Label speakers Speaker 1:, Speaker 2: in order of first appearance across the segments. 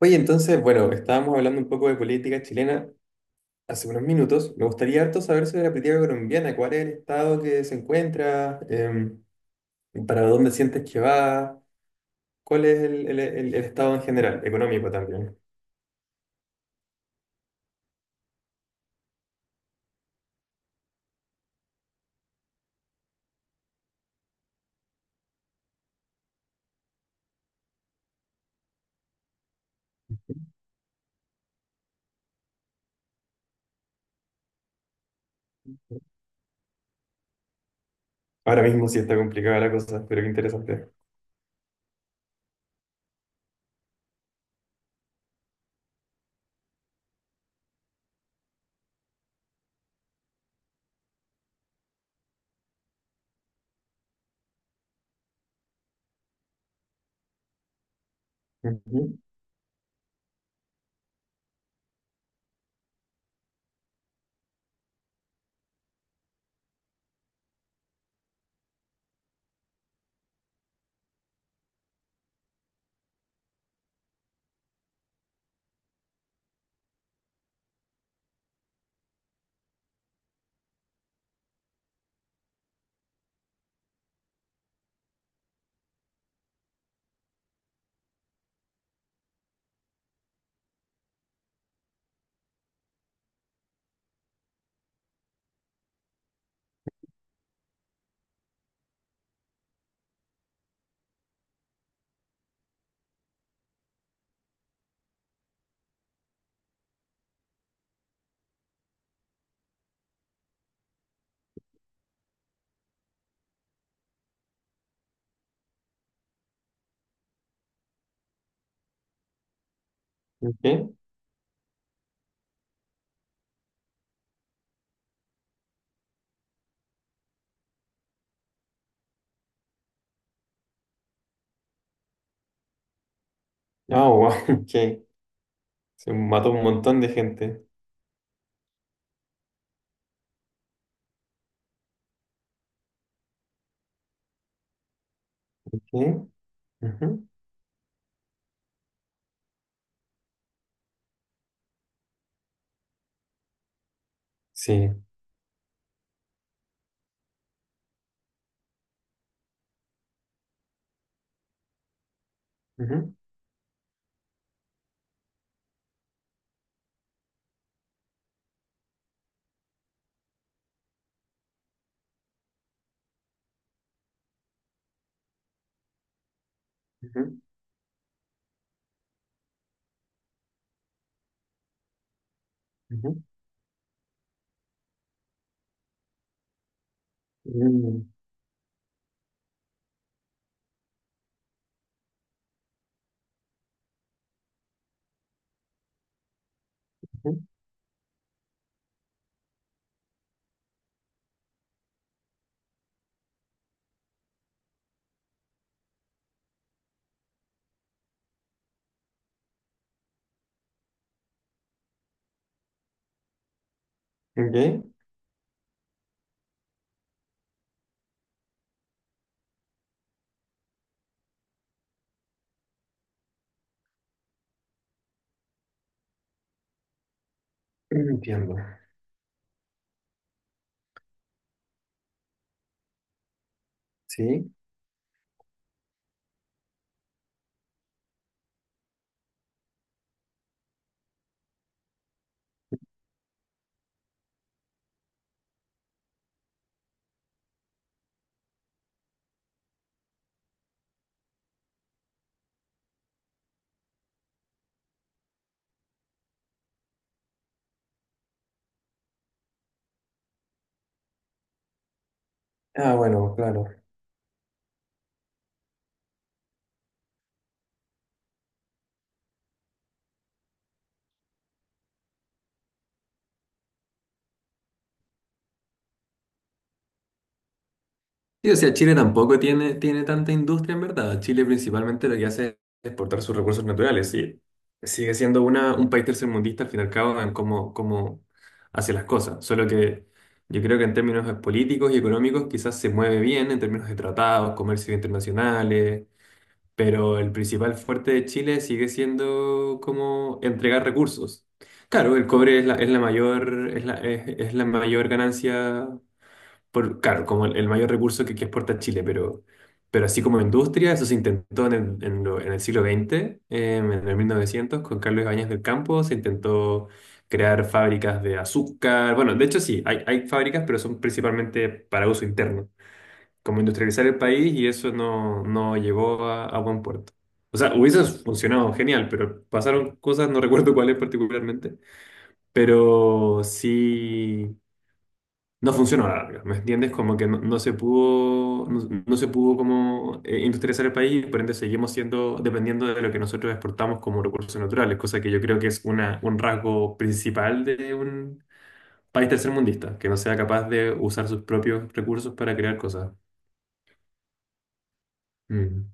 Speaker 1: Oye, entonces, bueno, estábamos hablando un poco de política chilena hace unos minutos. Me gustaría harto saber sobre la política colombiana, cuál es el estado que se encuentra. ¿Para dónde sientes que va, cuál es el estado en general, económico también? Ahora mismo sí está complicada la cosa, pero qué interesante. Ujú. Ok. Ah, wow, ok. Se mató un montón de gente. Ok. Ujú. Sí. Ujú, ujú, ujú, mm, ujú, ok. Entiendo. Sí. Ah, bueno, claro. Sí, o sea, Chile tampoco tiene tanta industria en verdad. Chile principalmente lo que hace es exportar sus recursos naturales, sí. Sigue siendo un país tercermundista al fin y al cabo en cómo hace las cosas. Solo que yo creo que en términos políticos y económicos quizás se mueve bien en términos de tratados, comercios internacionales, pero el principal fuerte de Chile sigue siendo como entregar recursos. Claro, el cobre es la mayor, es la mayor ganancia por, claro, como el mayor recurso que exporta Chile, pero así como industria, eso se intentó en el, en el siglo XX, en el 1900, con Carlos Ibáñez del Campo. Se intentó crear fábricas de azúcar. Bueno, de hecho sí, hay fábricas, pero son principalmente para uso interno, como industrializar el país, y eso no llegó a buen puerto. O sea, hubiese funcionado genial, pero pasaron cosas, no recuerdo cuáles particularmente, pero sí, no funcionó a la larga, ¿me entiendes? Como que no se pudo, no se pudo como industrializar el país, por ende seguimos siendo dependiendo de lo que nosotros exportamos como recursos naturales, cosa que yo creo que es un rasgo principal de un país tercermundista, que no sea capaz de usar sus propios recursos para crear cosas. Mm,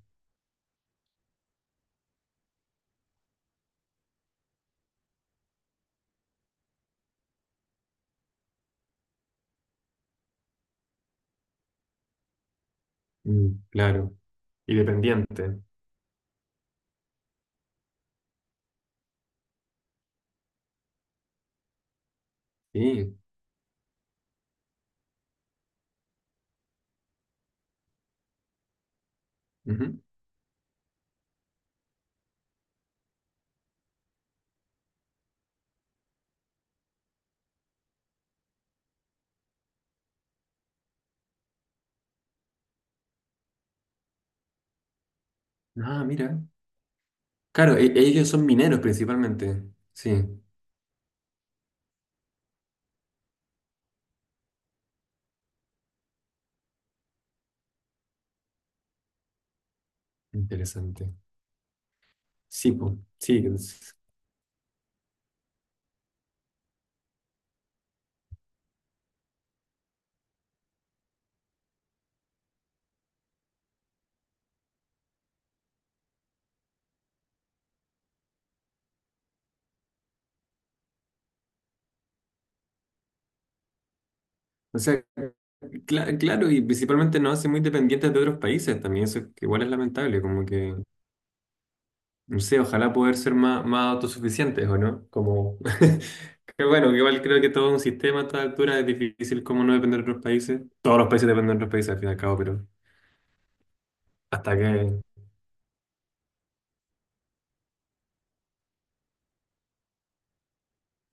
Speaker 1: mm, claro, y dependiente. Sí. Ujú. Ah, mira. Claro, ellos son mineros principalmente. Sí, interesante. Sí, po. Sí. O sea, claro, y principalmente nos hace muy dependientes de otros países también, eso que igual es lamentable, como que, no sé, ojalá poder ser más autosuficientes, ¿o no? Como, que bueno, que igual creo que todo un sistema a esta altura es difícil, como no depender de otros países. Todos los países dependen de otros países al fin y al cabo, pero hasta que,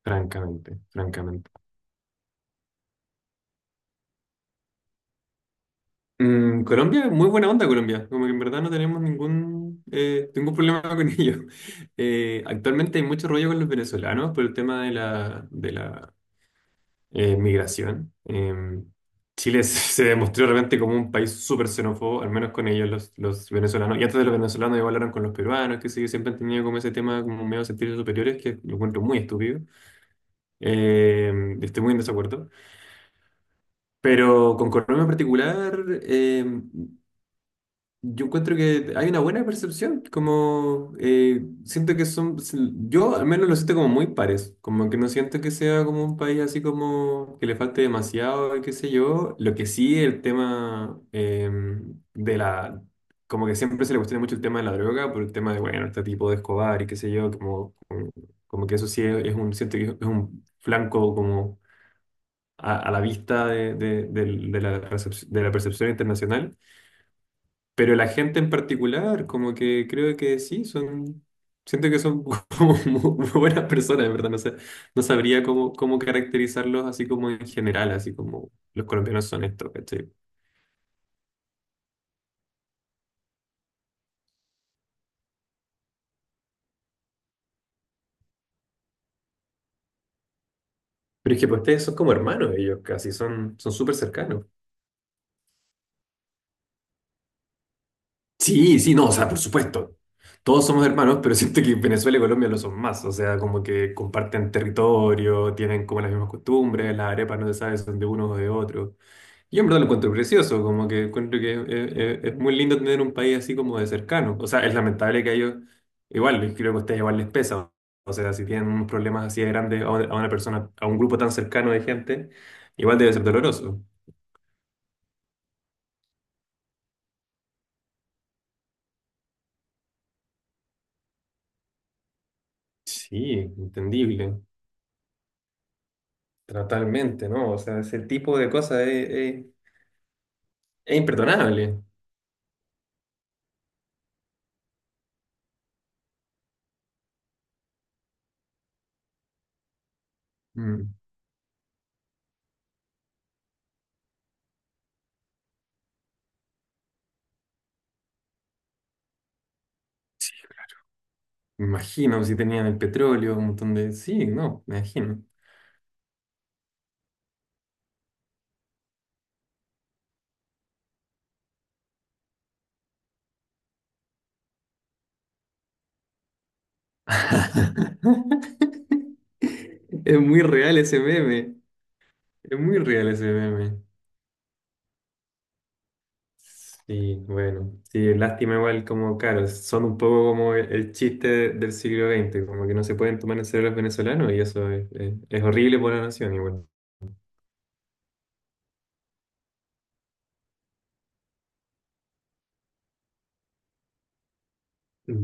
Speaker 1: francamente, francamente. Mm, Colombia, muy buena onda Colombia, como que en verdad no tenemos ningún problema con ellos. Actualmente hay mucho rollo con los venezolanos por el tema de la migración. Chile se demostró realmente como un país súper xenófobo, al menos con ellos, los venezolanos. Y antes de los venezolanos, igual hablaron con los peruanos, que sí, siempre han tenido como ese tema, como medio de sentirse superiores, que lo encuentro muy estúpido. Estoy muy en desacuerdo. Pero con Colombia en particular, yo encuentro que hay una buena percepción, como siento que son, yo al menos lo siento como muy pares, como que no siento que sea como un país así, como que le falte demasiado, y qué sé yo. Lo que sí, el tema de la, como que siempre se le cuestiona mucho el tema de la droga por el tema de, bueno, este tipo de Escobar y qué sé yo, como que eso sí siento que es un flanco como a la vista de, del- de la, recepc- de la percepción internacional. Pero la gente en particular, como que creo que sí, son, siento que son como muy, muy buenas personas, en verdad, no sé, no sabría cómo caracterizarlos así, como en general, así como los colombianos son estos, ¿cachai? Pero es que pues, ustedes son como hermanos, ellos casi son súper cercanos. Sí, sí, no, o sea, por supuesto. Todos somos hermanos, pero siento que Venezuela y Colombia lo son más. O sea, como que comparten territorio, tienen como las mismas costumbres, las arepas no se sabe si son de uno o de otro. Yo en verdad lo encuentro precioso, como que encuentro que es muy lindo tener un país así, como de cercano. O sea, es lamentable que a ellos, igual, creo que a ustedes igual les pesa. O sea, si tienen unos problemas así de grandes a una persona, a un grupo tan cercano de gente, igual debe ser doloroso. Sí, entendible, totalmente, ¿no? O sea, ese tipo de cosas es imperdonable. Mm. Me imagino, si tenían el petróleo, un montón de. Sí, no, me imagino. Es muy real ese meme. Es muy real ese meme. Sí, bueno. Sí, lástima igual como, claro, son un poco como el chiste del siglo XX, como que no se pueden tomar en serio los venezolanos y eso es horrible por la nación igual.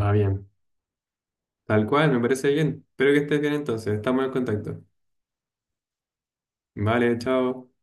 Speaker 1: Va bien. Tal cual, me parece bien. Espero que estés bien, entonces. Estamos en contacto. Vale, chao.